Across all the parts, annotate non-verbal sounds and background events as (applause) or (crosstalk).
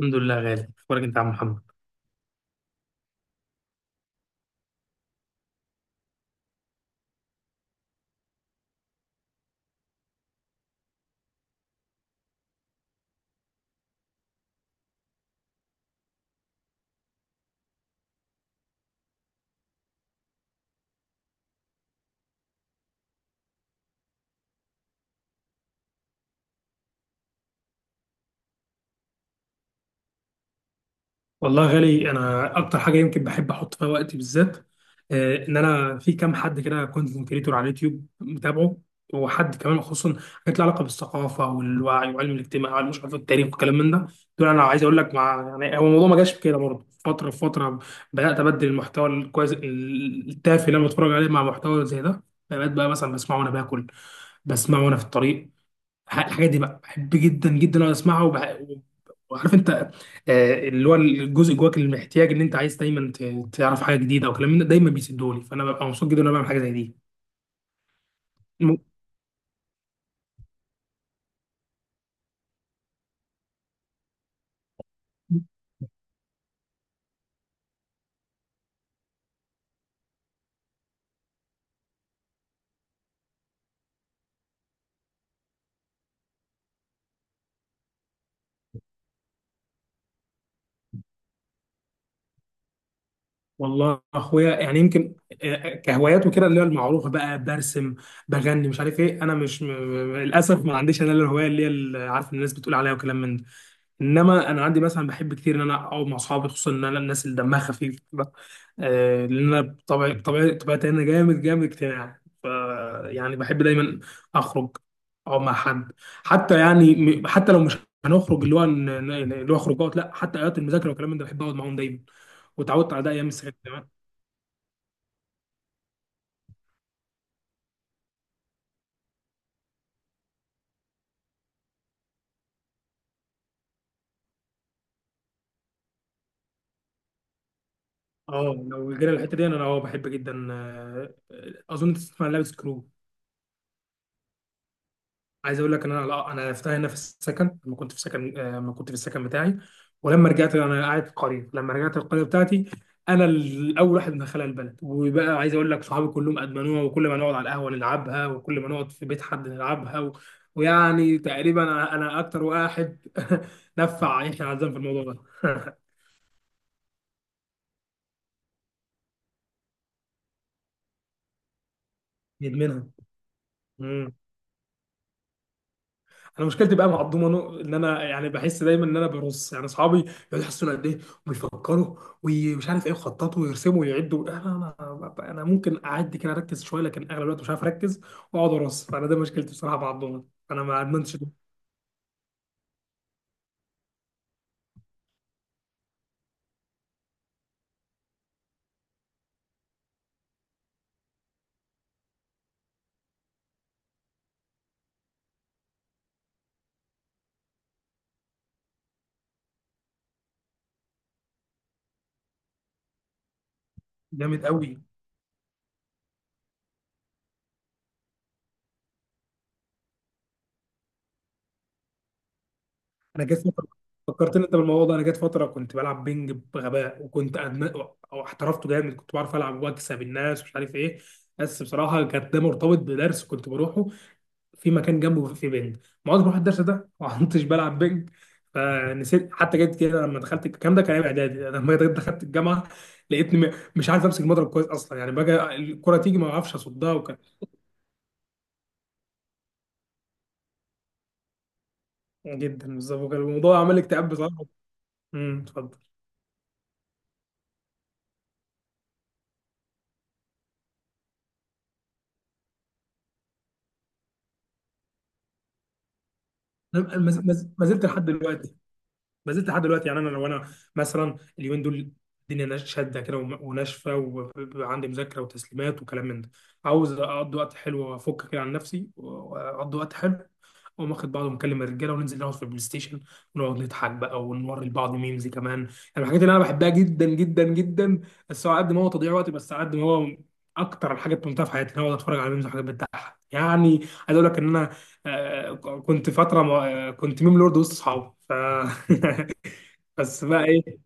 الحمد لله. غالي اخبارك انت يا عم محمد. والله يا غالي، انا اكتر حاجه يمكن بحب احط فيها وقتي بالذات، ان انا في كام حد كده كونتنت كريتور على اليوتيوب متابعه، وحد كمان خصوصا حاجات لها علاقه بالثقافه والوعي وعلم الاجتماع وعلم مش عارف التاريخ والكلام من ده. دول انا عايز اقول لك، مع يعني هو الموضوع ما جاش كده برضه، فتره فتره بدات ابدل المحتوى الكويس التافه اللي انا بتفرج عليه مع محتوى زي ده. بقيت بقى مثلا بسمعه وانا باكل، بسمعه وانا في الطريق. الحاجات دي بقى بحب جدا جدا اقعد اسمعها وعارف انت، اللي هو الجزء جواك اللي محتاج ان انت عايز دايما تعرف حاجه جديده وكلام من ده دايما بيسدولي، فانا ببقى مبسوط جدا وانا بعمل حاجه زي دي. م- والله اخويا يعني يمكن، كهوايات وكده، اللي هي المعروفه بقى، برسم، بغني، مش عارف ايه. انا مش م... م- للاسف ما عنديش انا الهوايه اللي هي اللي عارف الناس بتقول عليها وكلام من ده. انما انا عندي مثلا بحب كتير ان انا اقعد مع اصحابي، خصوصا ان انا الناس اللي دمها خفيف بقى. آه، لان انا بطبعي طبيعتي انا جامد اجتماعي. ف، يعني بحب دايما اخرج، اقعد مع حد، حتى يعني حتى لو مش هنخرج، اللي هو اللي هو خروجات لا، حتى اوقات المذاكره والكلام من ده بحب اقعد معاهم دايما، وتعودت على ده ايام السكن كمان. اه، لو جينا الحته دي، انا اه بحب جدا. اظن تسمع عن لعبه سكرو. عايز اقول لك ان انا لا، انا عرفتها هنا في السكن لما كنت في سكن، لما كنت في السكن بتاعي. ولما رجعت انا قاعد في قريه، لما رجعت القريه بتاعتي، انا الاول واحد من خلال البلد، وبقى عايز اقول لك صحابي كلهم ادمنوها، وكل ما نقعد على القهوه نلعبها، وكل ما نقعد في بيت حد نلعبها. ويعني تقريبا انا اكتر واحد (laughs) نفع يحيى عزام في الموضوع ده. (laughs) يدمنها. انا مشكلتي بقى مع الضمنه ان انا يعني بحس دايما ان انا برص، يعني اصحابي يقعدوا يحسوا قد ايه، ويفكروا، ومش عارف ايه، يخططوا ويرسموا ويعدوا. انا ممكن اعدي كده اركز شويه، لكن اغلب الوقت مش عارف اركز واقعد ارص، فانا ده مشكلتي بصراحه مع الضمنه. انا ما ادمنش ده. جامد قوي. انا جت فتره، فكرتني انت بالموضوع ده، انا جت فتره كنت بلعب بينج بغباء، او احترفته جامد، كنت بعرف العب واكسب الناس ومش عارف ايه. بس بصراحه كانت ده مرتبط بدرس كنت بروحه، في مكان جنبه في بنج. ما عدتش بروح الدرس ده، ما عدتش بلعب بنج، فنسيت. حتى جت كده لما دخلت، الكلام ده كان ايام اعدادي، لما جيت دخلت الجامعه لقيتني مش عارف امسك المضرب كويس اصلا، يعني بقى الكره تيجي ما اعرفش اصدها. وكان جدا بالظبط، وكان الموضوع عمل لي اكتئاب بصراحه. اتفضل. أنا ما زلت، ما زلت لحد دلوقتي، ما زلت لحد دلوقتي. يعني انا لو انا مثلا اليومين دول الدنيا شاده كده وناشفه، وعندي مذاكره وتسليمات وكلام من ده، عاوز اقضي وقت حلو وافك كده عن نفسي واقضي وقت حلو، اقوم واخد بعضه ومكلم الرجاله وننزل نقعد في البلاي ستيشن ونقعد نضحك بقى ونوري لبعض ميمز كمان يعني. من الحاجات اللي انا بحبها جدا جدا جدا. بس هو قد ما هو تضييع وقت، بس على قد ما هو اكتر الحاجات بممتعه في حياتي ان انا اقعد اتفرج على ميمز وحاجات بتضحك يعني. عايز اقول لك ان انا، آه، كنت فتره كنت ميم لورد وسط اصحابي، ف (laughs) بس بقى ايه.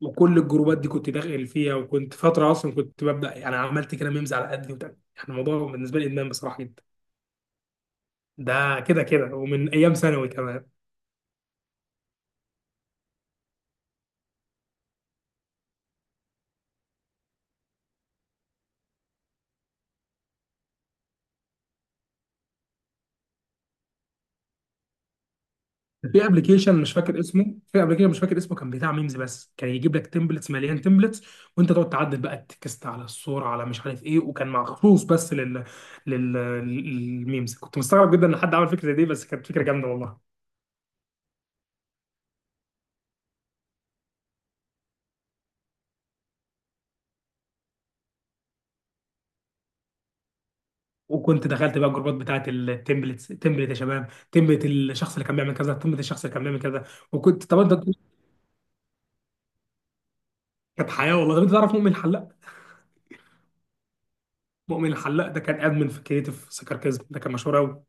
وكل الجروبات دي كنت داخل فيها، وكنت فتره اصلا كنت ببدا يعني، عملت كده ميمز على قدي. وتاني يعني الموضوع بالنسبه لي ادمان بصراحه جدا، ده كده كده، ومن ايام ثانوي كمان. في ابلكيشن مش فاكر اسمه، في ابلكيشن مش فاكر اسمه، كان بتاع ميمز بس، كان يجيب لك تمبلتس، مليان تمبلتس، وانت تقعد تعدل بقى التكست على الصوره على مش عارف ايه. وكان مخصوص بس لل للميمز. كنت مستغرب جدا ان حد عمل فكره زي دي، بس كانت فكره جامده والله. وكنت دخلت بقى الجروبات بتاعت التمبلتس، تمبلت يا شباب، تمبلت الشخص اللي كان بيعمل كذا، تمبلت الشخص اللي كان بيعمل كذا. وكنت، طب انت. كانت حياه والله. طب انت تعرف مؤمن الحلاق؟ مؤمن الحلاق ده كان ادمن في كريتيف سكاركيزم، ده كان مشهور قوي.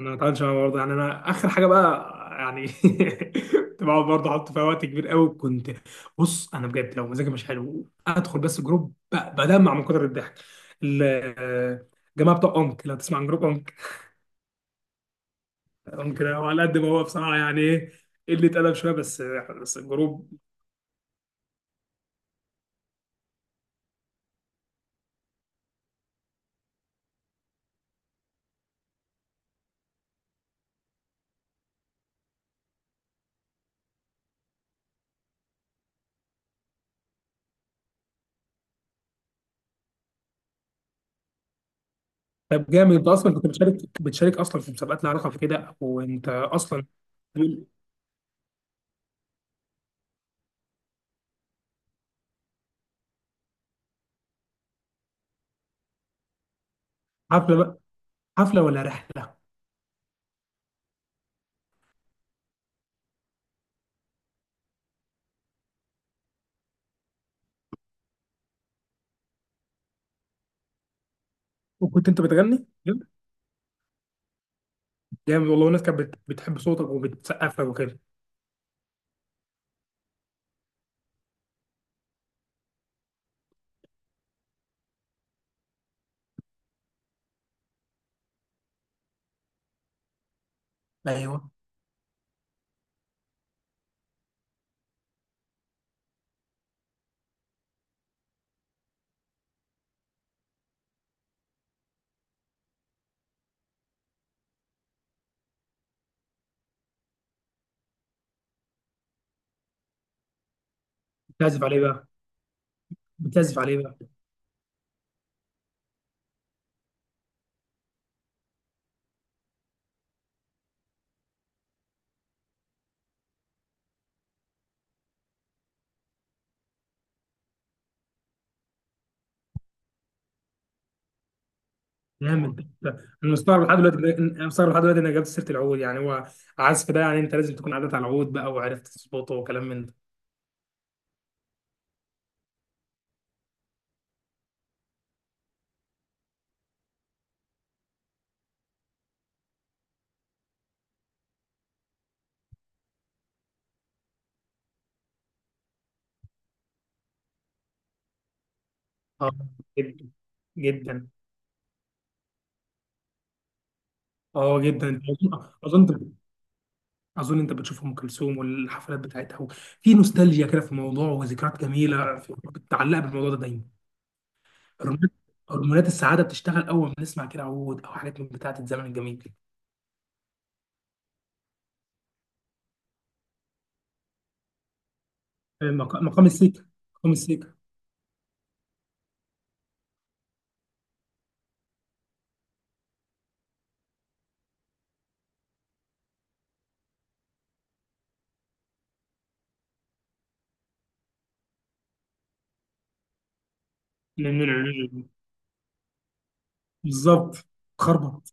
انا متعاملش معاه برضه، يعني انا اخر حاجه بقى، يعني (laughs) كنت بقعد برضه احط فيها وقت كبير قوي. كنت، بص، انا بجد لو مزاجي مش حلو ادخل بس جروب بدمع من كتر الضحك. ال- آه، الجماعه بتوع امك، لو تسمع عن جروب امك. امك ده على قد ما هو بصراحه يعني ايه، اللي اتقلب شويه، بس بس الجروب. طب جامد، انت اصلا كنت بتشارك اصلا في مسابقات لها علاقه بكده، وانت اصلا. حفله بقى، حفله ولا رحله؟ وكنت انت بتغني؟ جامد والله. والناس كانت بتحب صوتك وبتسقف لك وكده. ايوه. بتعزف عليه بقى؟ بتعزف عليه بقى؟ جامد. انا مستغرب لحد دلوقتي، انا مستغرب لحد دلوقتي انك جبت سيره العود. يعني هو عزف ده، يعني انت لازم تكون عدت على العود بقى وعرفت تظبطه وكلام من ده. اه جدا. جدا. اه جدا. اظن، اظن، اظن انت بتشوف ام كلثوم والحفلات بتاعتها. في نوستالجيا كده في الموضوع، وذكريات جميله متعلقه بالموضوع ده دايما. هرمونات، هرمونات السعاده بتشتغل اول ما نسمع كده عود او حاجات من بتاعه الزمن الجميل. مقام السيكه. مقام السيكه. بالظبط. خربط.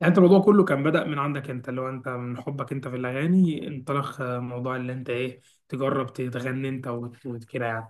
يعني انت الموضوع كله كان بدأ من عندك انت، اللي هو انت من حبك انت في الاغاني انطلق، موضوع اللي انت ايه، تجرب تغني انت وكده يعني.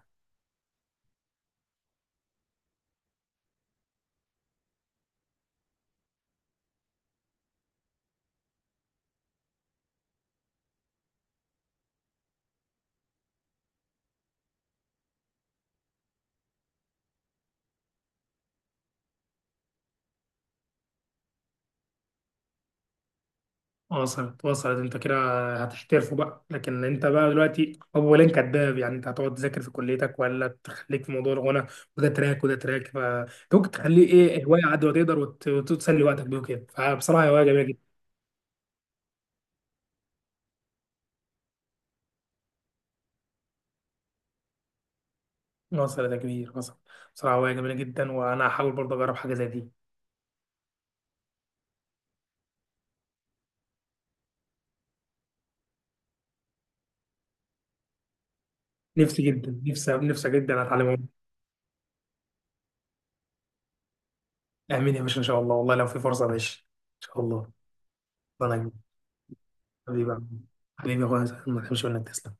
وصلت انت كده، هتحترفه بقى. لكن انت بقى دلوقتي اولا كداب، يعني انت هتقعد تذاكر في كليتك ولا تخليك في موضوع الغنى، وده تراك وده تراك، فانت ممكن تخليه ايه، هوايه عاد ما تقدر، وتسلي وقتك بيه وكده. فبصراحه هوايه جميله جدا. وصلت يا كبير، وصلت. بصراحه هوايه جميله جدا، وانا هحاول برضه اجرب حاجه زي دي. نفسي جدا، نفسي جدا اتعلم عوم. امين يا باشا، ان شاء الله. والله لو في فرصه ماشي، ان شاء الله. ربنا يعينك. حبيبي يا عم. حبيبي يا اخويا، ما تحبش منك تسلم.